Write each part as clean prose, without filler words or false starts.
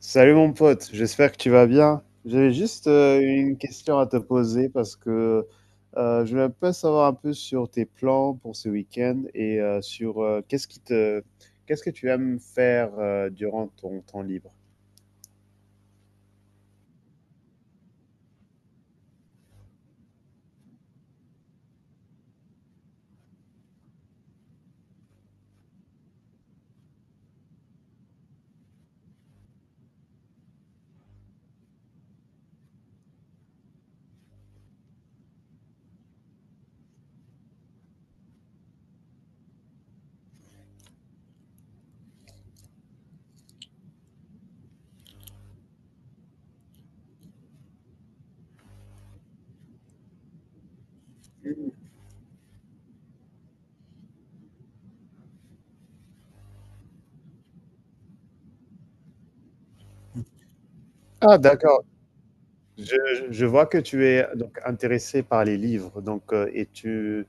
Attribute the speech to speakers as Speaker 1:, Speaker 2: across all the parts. Speaker 1: Salut mon pote, j'espère que tu vas bien. J'avais juste une question à te poser parce que je voulais un peu savoir un peu sur tes plans pour ce week-end et sur qu'est-ce que tu aimes faire durant ton temps libre. Ah d'accord. Je, je vois que tu es donc intéressé par les livres, donc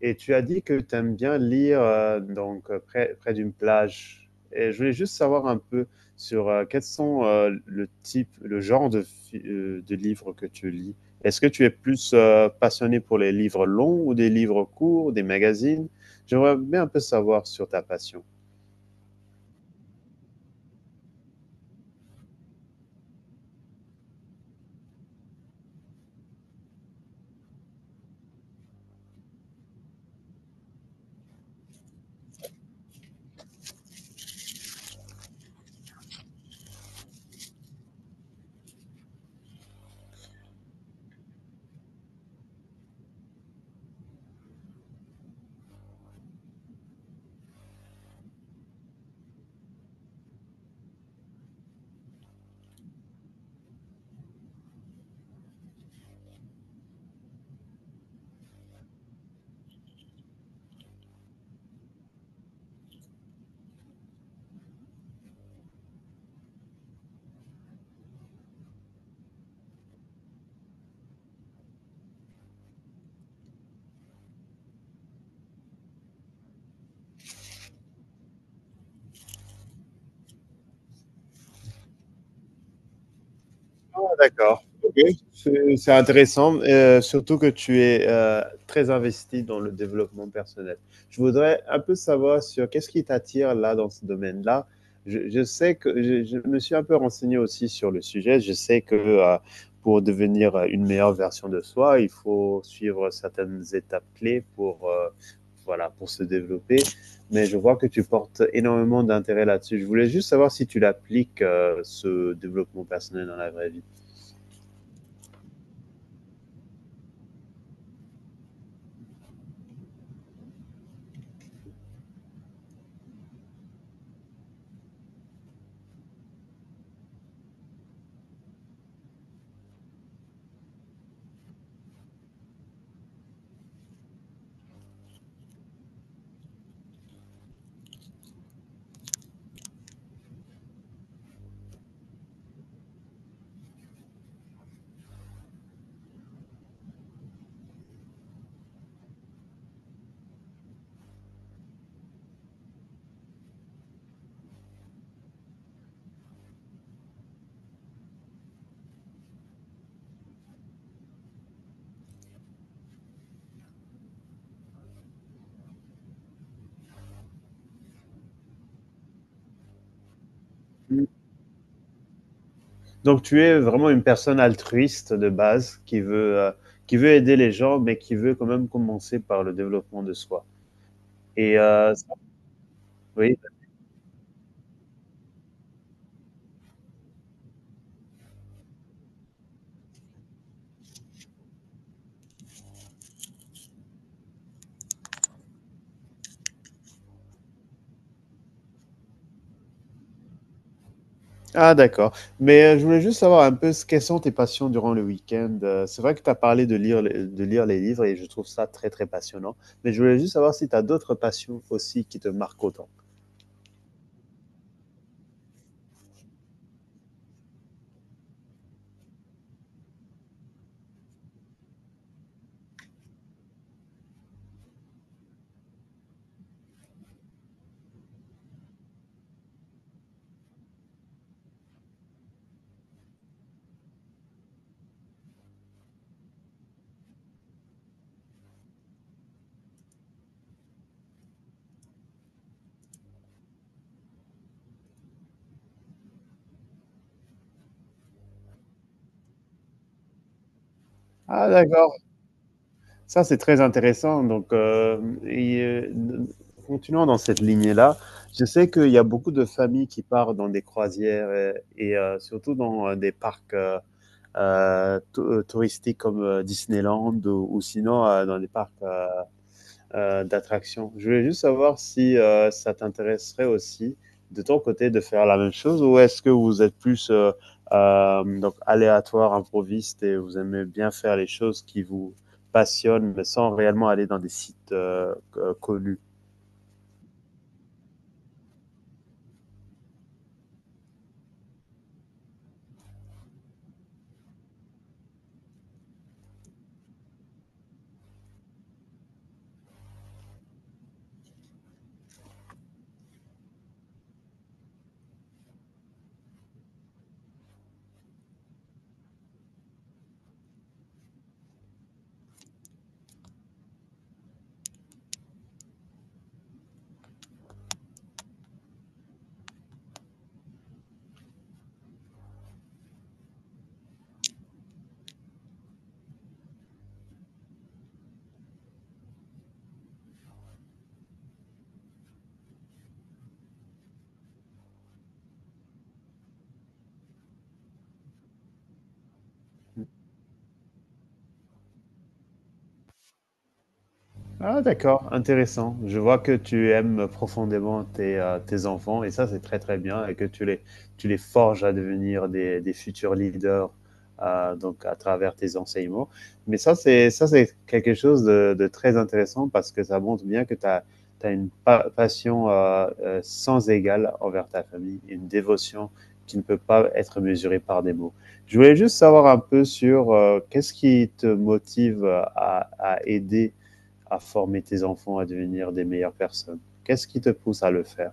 Speaker 1: et tu as dit que tu aimes bien lire, donc près d'une plage. Et je voulais juste savoir un peu sur quels sont le genre de livres que tu lis. Est-ce que tu es plus passionné pour les livres longs ou des livres courts, des magazines? J'aimerais bien un peu savoir sur ta passion. Ah, d'accord. OK. C'est intéressant, surtout que tu es, très investi dans le développement personnel. Je voudrais un peu savoir sur qu'est-ce qui t'attire là, dans ce domaine-là? Je sais que je me suis un peu renseigné aussi sur le sujet. Je sais que, pour devenir, une meilleure version de soi, il faut suivre certaines étapes clés pour, voilà, pour se développer. Mais je vois que tu portes énormément d'intérêt là-dessus. Je voulais juste savoir si tu l'appliques, ce développement personnel dans la vraie vie? Mm. Donc tu es vraiment une personne altruiste de base qui veut aider les gens, mais qui veut quand même commencer par le développement de soi. Et ça oui. Ah d'accord. Mais, je voulais juste savoir un peu, ce quelles sont tes passions durant le week-end? C'est vrai que tu as parlé de lire les livres et je trouve ça très, très passionnant. Mais je voulais juste savoir si tu as d'autres passions aussi qui te marquent autant? Ah d'accord. Ça, c'est très intéressant. Donc, et, continuons dans cette lignée-là. Je sais qu'il y a beaucoup de familles qui partent dans des croisières et, surtout dans des parcs touristiques comme Disneyland ou sinon dans des parcs d'attraction. Je voulais juste savoir si ça t'intéresserait aussi de ton côté de faire la même chose, ou est-ce que vous êtes plus donc aléatoire, improviste, et vous aimez bien faire les choses qui vous passionnent mais sans réellement aller dans des sites connus. Ah, d'accord, intéressant. Je vois que tu aimes profondément tes, tes enfants et ça, c'est très très bien, et que tu les forges à devenir des futurs leaders donc à travers tes enseignements. Mais ça, c'est quelque chose de très intéressant parce que ça montre bien que tu as, une passion sans égale envers ta famille, une dévotion qui ne peut pas être mesurée par des mots. Je voulais juste savoir un peu sur qu'est-ce qui te motive à aider à former tes enfants à devenir des meilleures personnes. Qu'est-ce qui te pousse à le faire?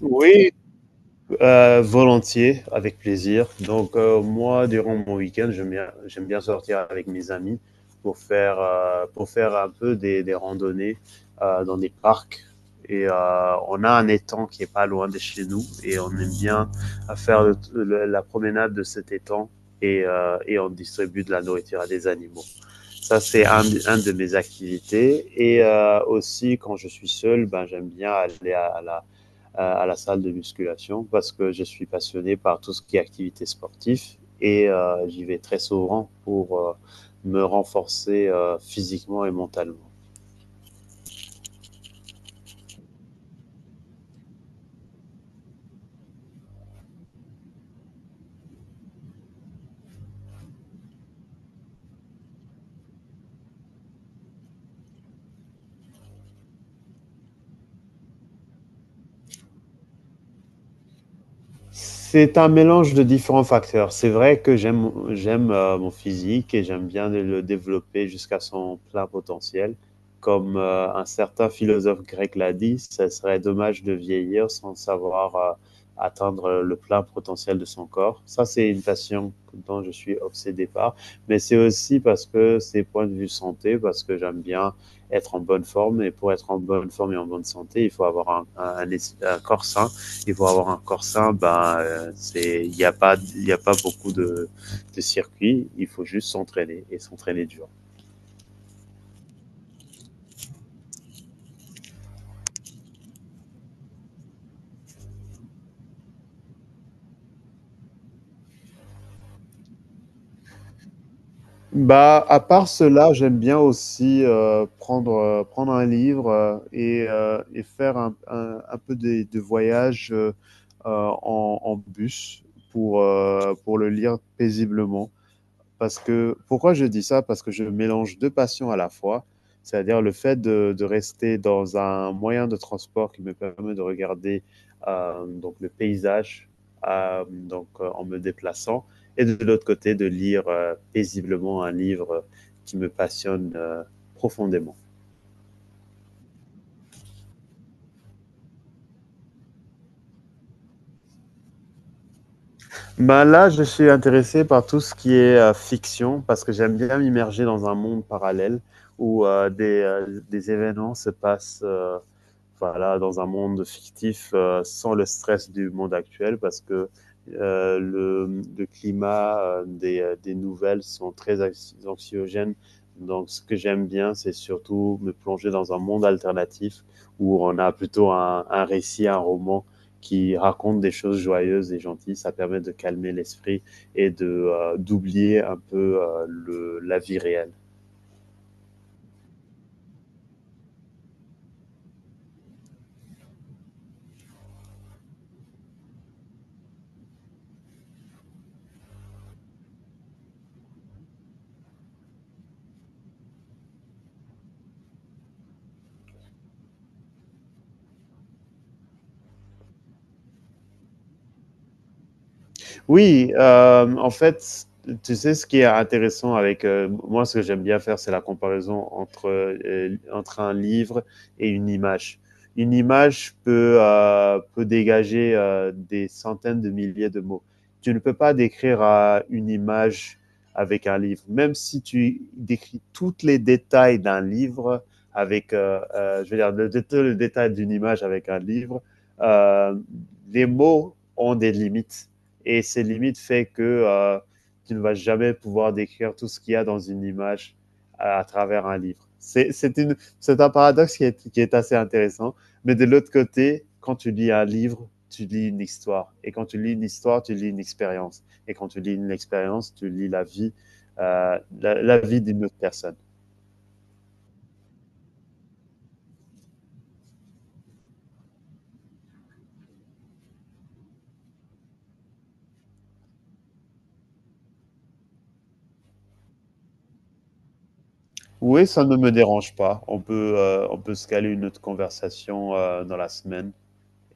Speaker 1: Oui, volontiers, avec plaisir. Donc, moi, durant mon week-end, j'aime bien sortir avec mes amis pour faire un peu des randonnées dans des parcs. Et on a un étang qui est pas loin de chez nous et on aime bien à faire la promenade de cet étang et on distribue de la nourriture à des animaux. Ça, c'est un de mes activités. Et aussi, quand je suis seul, ben, j'aime bien aller à la salle de musculation parce que je suis passionné par tout ce qui est activité sportive et j'y vais très souvent pour me renforcer physiquement et mentalement. C'est un mélange de différents facteurs. C'est vrai que j'aime mon physique et j'aime bien le développer jusqu'à son plein potentiel. Comme un certain philosophe grec l'a dit, ça serait dommage de vieillir sans savoir atteindre le plein potentiel de son corps. Ça, c'est une passion dont je suis obsédé par, mais c'est aussi parce que c'est point de vue santé, parce que j'aime bien être en bonne forme, et pour être en bonne forme et en bonne santé, il faut avoir un, un corps sain qu'ils vont avoir encore ça, ben, c'est, il y a pas beaucoup de circuits. Il faut juste s'entraîner et s'entraîner dur. Bah, à part cela, j'aime bien aussi prendre un livre et faire un peu voyage en, en bus pour le lire paisiblement. Parce que, pourquoi je dis ça? Parce que je mélange 2 passions à la fois, c'est-à-dire le fait de rester dans un moyen de transport qui me permet de regarder, hem, donc le paysage, hem, donc en me déplaçant, et de l'autre côté de lire, paisiblement un livre, qui me passionne, profondément. Ben, là, je suis intéressé par tout ce qui est, fiction, parce que j'aime bien m'immerger dans un monde parallèle où, des événements se passent, voilà, dans un monde fictif sans le stress du monde actuel, parce que le climat des nouvelles sont très anxiogènes. Donc ce que j'aime bien, c'est surtout me plonger dans un monde alternatif où on a plutôt un récit, un roman qui raconte des choses joyeuses et gentilles. Ça permet de calmer l'esprit et de d'oublier un peu le, la vie réelle. Oui, en fait, tu sais, ce qui est intéressant avec moi, ce que j'aime bien faire, c'est la comparaison entre, entre un livre et une image. Une image peut, peut dégager des centaines de milliers de mots. Tu ne peux pas décrire une image avec un livre. Même si tu décris tous les détails d'un livre avec, je veux dire, tout le détail d'une image avec un livre, euh, les mots ont des limites. Et ces limites fait que tu ne vas jamais pouvoir décrire tout ce qu'il y a dans une image à travers un livre. C'est un paradoxe qui est assez intéressant. Mais de l'autre côté, quand tu lis un livre, tu lis une histoire. Et quand tu lis une histoire, tu lis une expérience. Et quand tu lis une expérience, tu lis la vie, la, la vie d'une autre personne. Oui, ça ne me dérange pas. On peut se caler une autre conversation dans la semaine.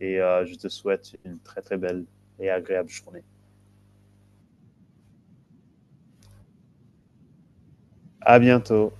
Speaker 1: Et je te souhaite une très très belle et agréable journée. À bientôt.